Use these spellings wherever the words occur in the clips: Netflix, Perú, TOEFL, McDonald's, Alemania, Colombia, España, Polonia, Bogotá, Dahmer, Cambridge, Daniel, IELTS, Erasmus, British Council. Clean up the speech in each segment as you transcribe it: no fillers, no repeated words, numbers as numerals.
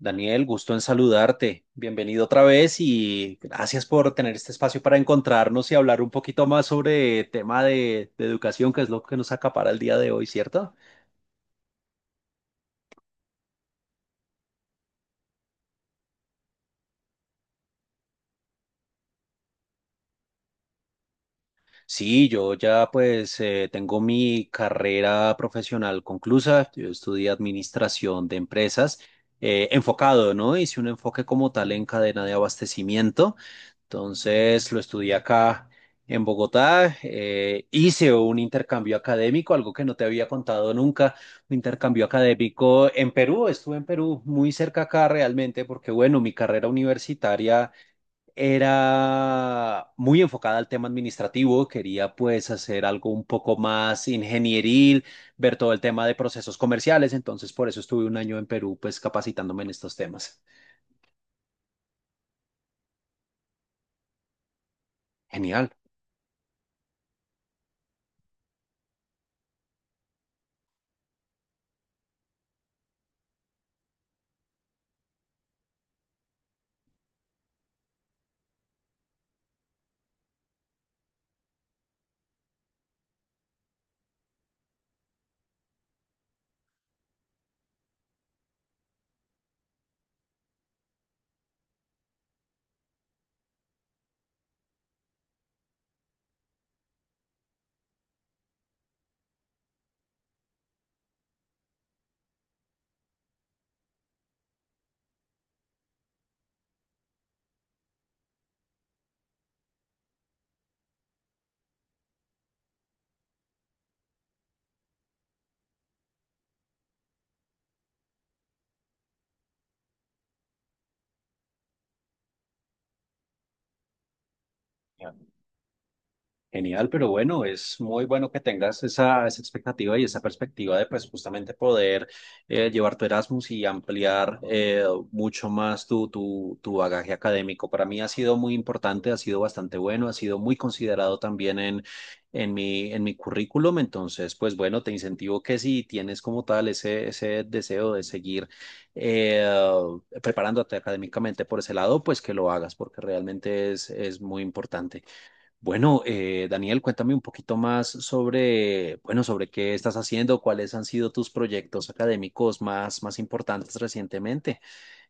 Daniel, gusto en saludarte. Bienvenido otra vez y gracias por tener este espacio para encontrarnos y hablar un poquito más sobre tema de educación, que es lo que nos acapara el día de hoy, ¿cierto? Sí, yo ya pues tengo mi carrera profesional conclusa. Yo estudié administración de empresas enfocado, ¿no? Hice un enfoque como tal en cadena de abastecimiento. Entonces lo estudié acá en Bogotá, hice un intercambio académico, algo que no te había contado nunca, un intercambio académico en Perú, estuve en Perú muy cerca acá realmente, porque bueno, mi carrera universitaria era muy enfocada al tema administrativo, quería pues hacer algo un poco más ingenieril, ver todo el tema de procesos comerciales, entonces por eso estuve un año en Perú pues capacitándome en estos temas. Genial. Genial, pero bueno, es muy bueno que tengas esa expectativa y esa perspectiva de pues justamente poder llevar tu Erasmus y ampliar mucho más tu bagaje académico. Para mí ha sido muy importante, ha sido bastante bueno, ha sido muy considerado también en mi currículum. Entonces, pues bueno, te incentivo que si tienes como tal ese deseo de seguir eh, preparándote académicamente por ese lado, pues que lo hagas porque realmente es muy importante. Bueno, Daniel, cuéntame un poquito más sobre, bueno, sobre qué estás haciendo, cuáles han sido tus proyectos académicos más importantes recientemente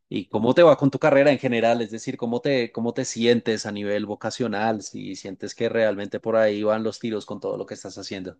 y cómo te va con tu carrera en general, es decir, cómo te sientes a nivel vocacional, si sientes que realmente por ahí van los tiros con todo lo que estás haciendo.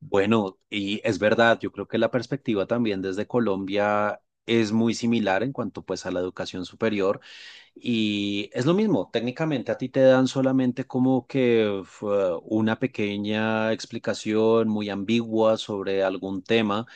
Bueno, y es verdad, yo creo que la perspectiva también desde Colombia es muy similar en cuanto pues a la educación superior. Y es lo mismo, técnicamente a ti te dan solamente como que fue una pequeña explicación muy ambigua sobre algún tema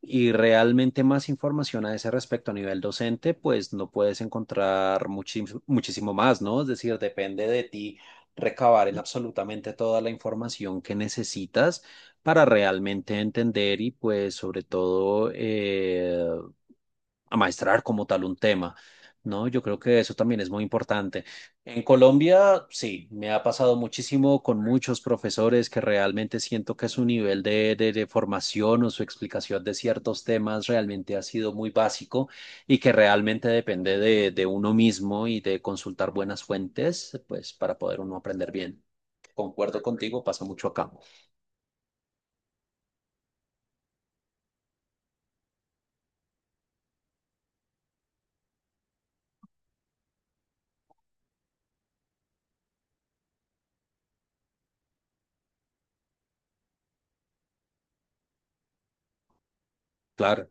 y realmente más información a ese respecto a nivel docente, pues no puedes encontrar muchísimo más, ¿no? Es decir, depende de ti recabar en absolutamente toda la información que necesitas para realmente entender y pues sobre todo amaestrar como tal un tema, ¿no? Yo creo que eso también es muy importante. En Colombia, sí, me ha pasado muchísimo con muchos profesores que realmente siento que su nivel de formación o su explicación de ciertos temas realmente ha sido muy básico y que realmente depende de uno mismo y de consultar buenas fuentes, pues para poder uno aprender bien. Concuerdo contigo, pasa mucho acá. Claro.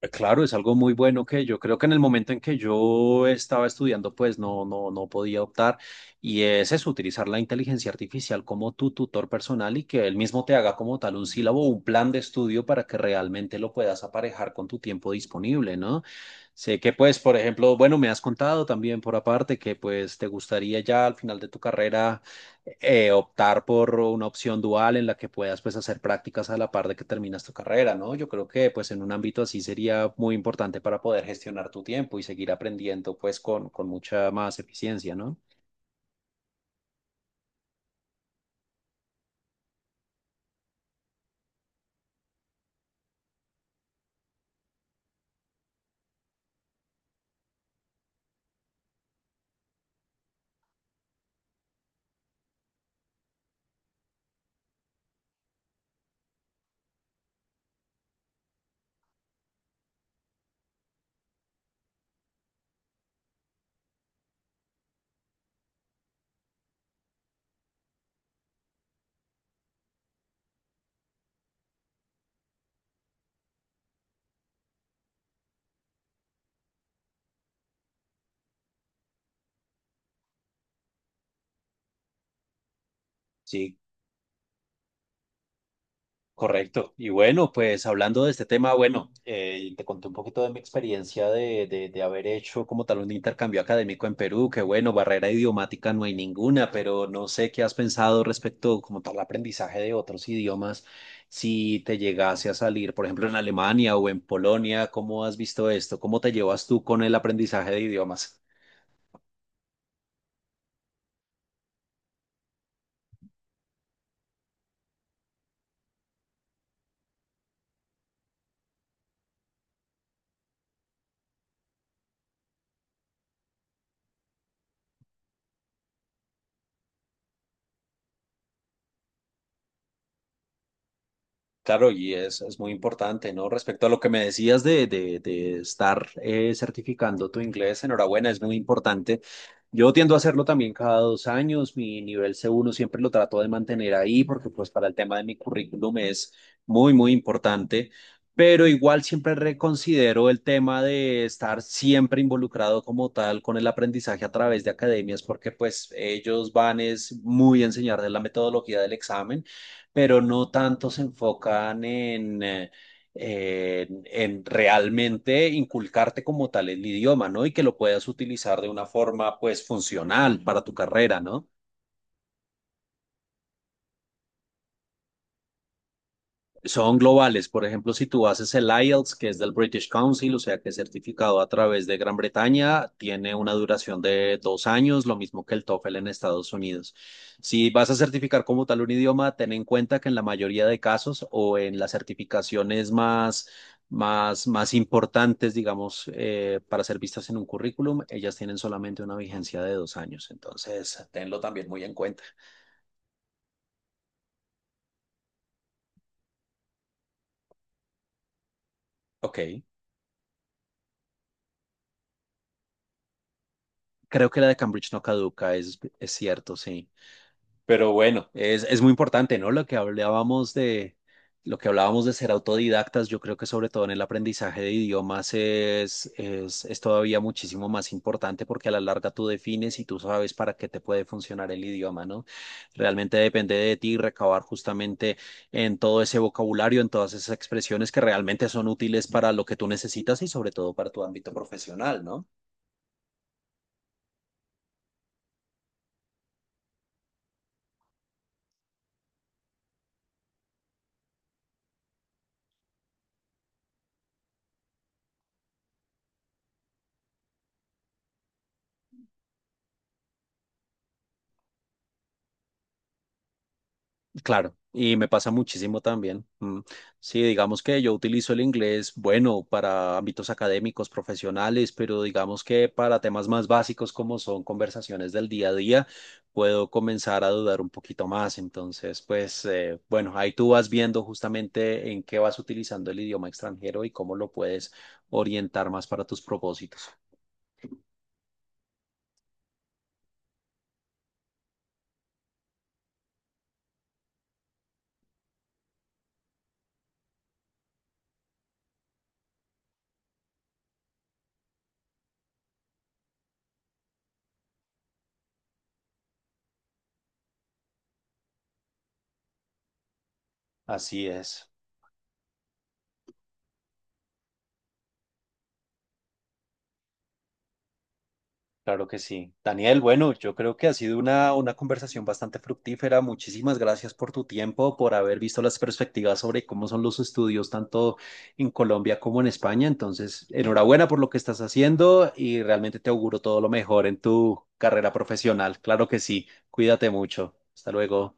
Claro, es algo muy bueno que yo creo que en el momento en que yo estaba estudiando, pues no podía optar. Y es eso, utilizar la inteligencia artificial como tu tutor personal y que él mismo te haga como tal un sílabo, o un plan de estudio para que realmente lo puedas aparejar con tu tiempo disponible, ¿no? Sé que pues, por ejemplo, bueno, me has contado también por aparte que pues te gustaría ya al final de tu carrera optar por una opción dual en la que puedas pues hacer prácticas a la par de que terminas tu carrera, ¿no? Yo creo que pues en un ámbito así sería muy importante para poder gestionar tu tiempo y seguir aprendiendo pues con mucha más eficiencia, ¿no? Sí, correcto. Y bueno, pues hablando de este tema, bueno, te conté un poquito de mi experiencia de haber hecho como tal un intercambio académico en Perú, que bueno, barrera idiomática no hay ninguna, pero no sé qué has pensado respecto como tal aprendizaje de otros idiomas. Si te llegase a salir, por ejemplo, en Alemania o en Polonia, ¿cómo has visto esto? ¿Cómo te llevas tú con el aprendizaje de idiomas? Claro, y es muy importante, ¿no? Respecto a lo que me decías de estar certificando tu inglés, enhorabuena, es muy importante. Yo tiendo a hacerlo también cada dos años. Mi nivel C1 siempre lo trato de mantener ahí porque pues para el tema de mi currículum es muy, muy importante. Pero igual siempre reconsidero el tema de estar siempre involucrado como tal con el aprendizaje a través de academias porque pues ellos van es muy a enseñar de la metodología del examen, pero no tanto se enfocan en realmente inculcarte como tal el idioma, ¿no? Y que lo puedas utilizar de una forma, pues, funcional para tu carrera, ¿no? Son globales. Por ejemplo, si tú haces el IELTS, que es del British Council, o sea que es certificado a través de Gran Bretaña, tiene una duración de dos años, lo mismo que el TOEFL en Estados Unidos. Si vas a certificar como tal un idioma, ten en cuenta que en la mayoría de casos o en las certificaciones más importantes, digamos, para ser vistas en un currículum, ellas tienen solamente una vigencia de dos años. Entonces, tenlo también muy en cuenta. Ok. Creo que la de Cambridge no caduca, es cierto, sí. Pero bueno, es muy importante, ¿no? Lo que hablábamos de ser autodidactas, yo creo que sobre todo en el aprendizaje de idiomas es todavía muchísimo más importante porque a la larga tú defines y tú sabes para qué te puede funcionar el idioma, ¿no? Realmente depende de ti recabar justamente en todo ese vocabulario, en todas esas expresiones que realmente son útiles para lo que tú necesitas y sobre todo para tu ámbito profesional, ¿no? Claro, y me pasa muchísimo también. Mm, sí, digamos que yo utilizo el inglés, bueno, para ámbitos académicos, profesionales, pero digamos que para temas más básicos como son conversaciones del día a día, puedo comenzar a dudar un poquito más. Entonces, pues, bueno, ahí tú vas viendo justamente en qué vas utilizando el idioma extranjero y cómo lo puedes orientar más para tus propósitos. Así es, claro que sí. Daniel, bueno, yo creo que ha sido una conversación bastante fructífera. Muchísimas gracias por tu tiempo, por haber visto las perspectivas sobre cómo son los estudios tanto en Colombia como en España. Entonces, enhorabuena por lo que estás haciendo y realmente te auguro todo lo mejor en tu carrera profesional. Claro que sí. Cuídate mucho. Hasta luego.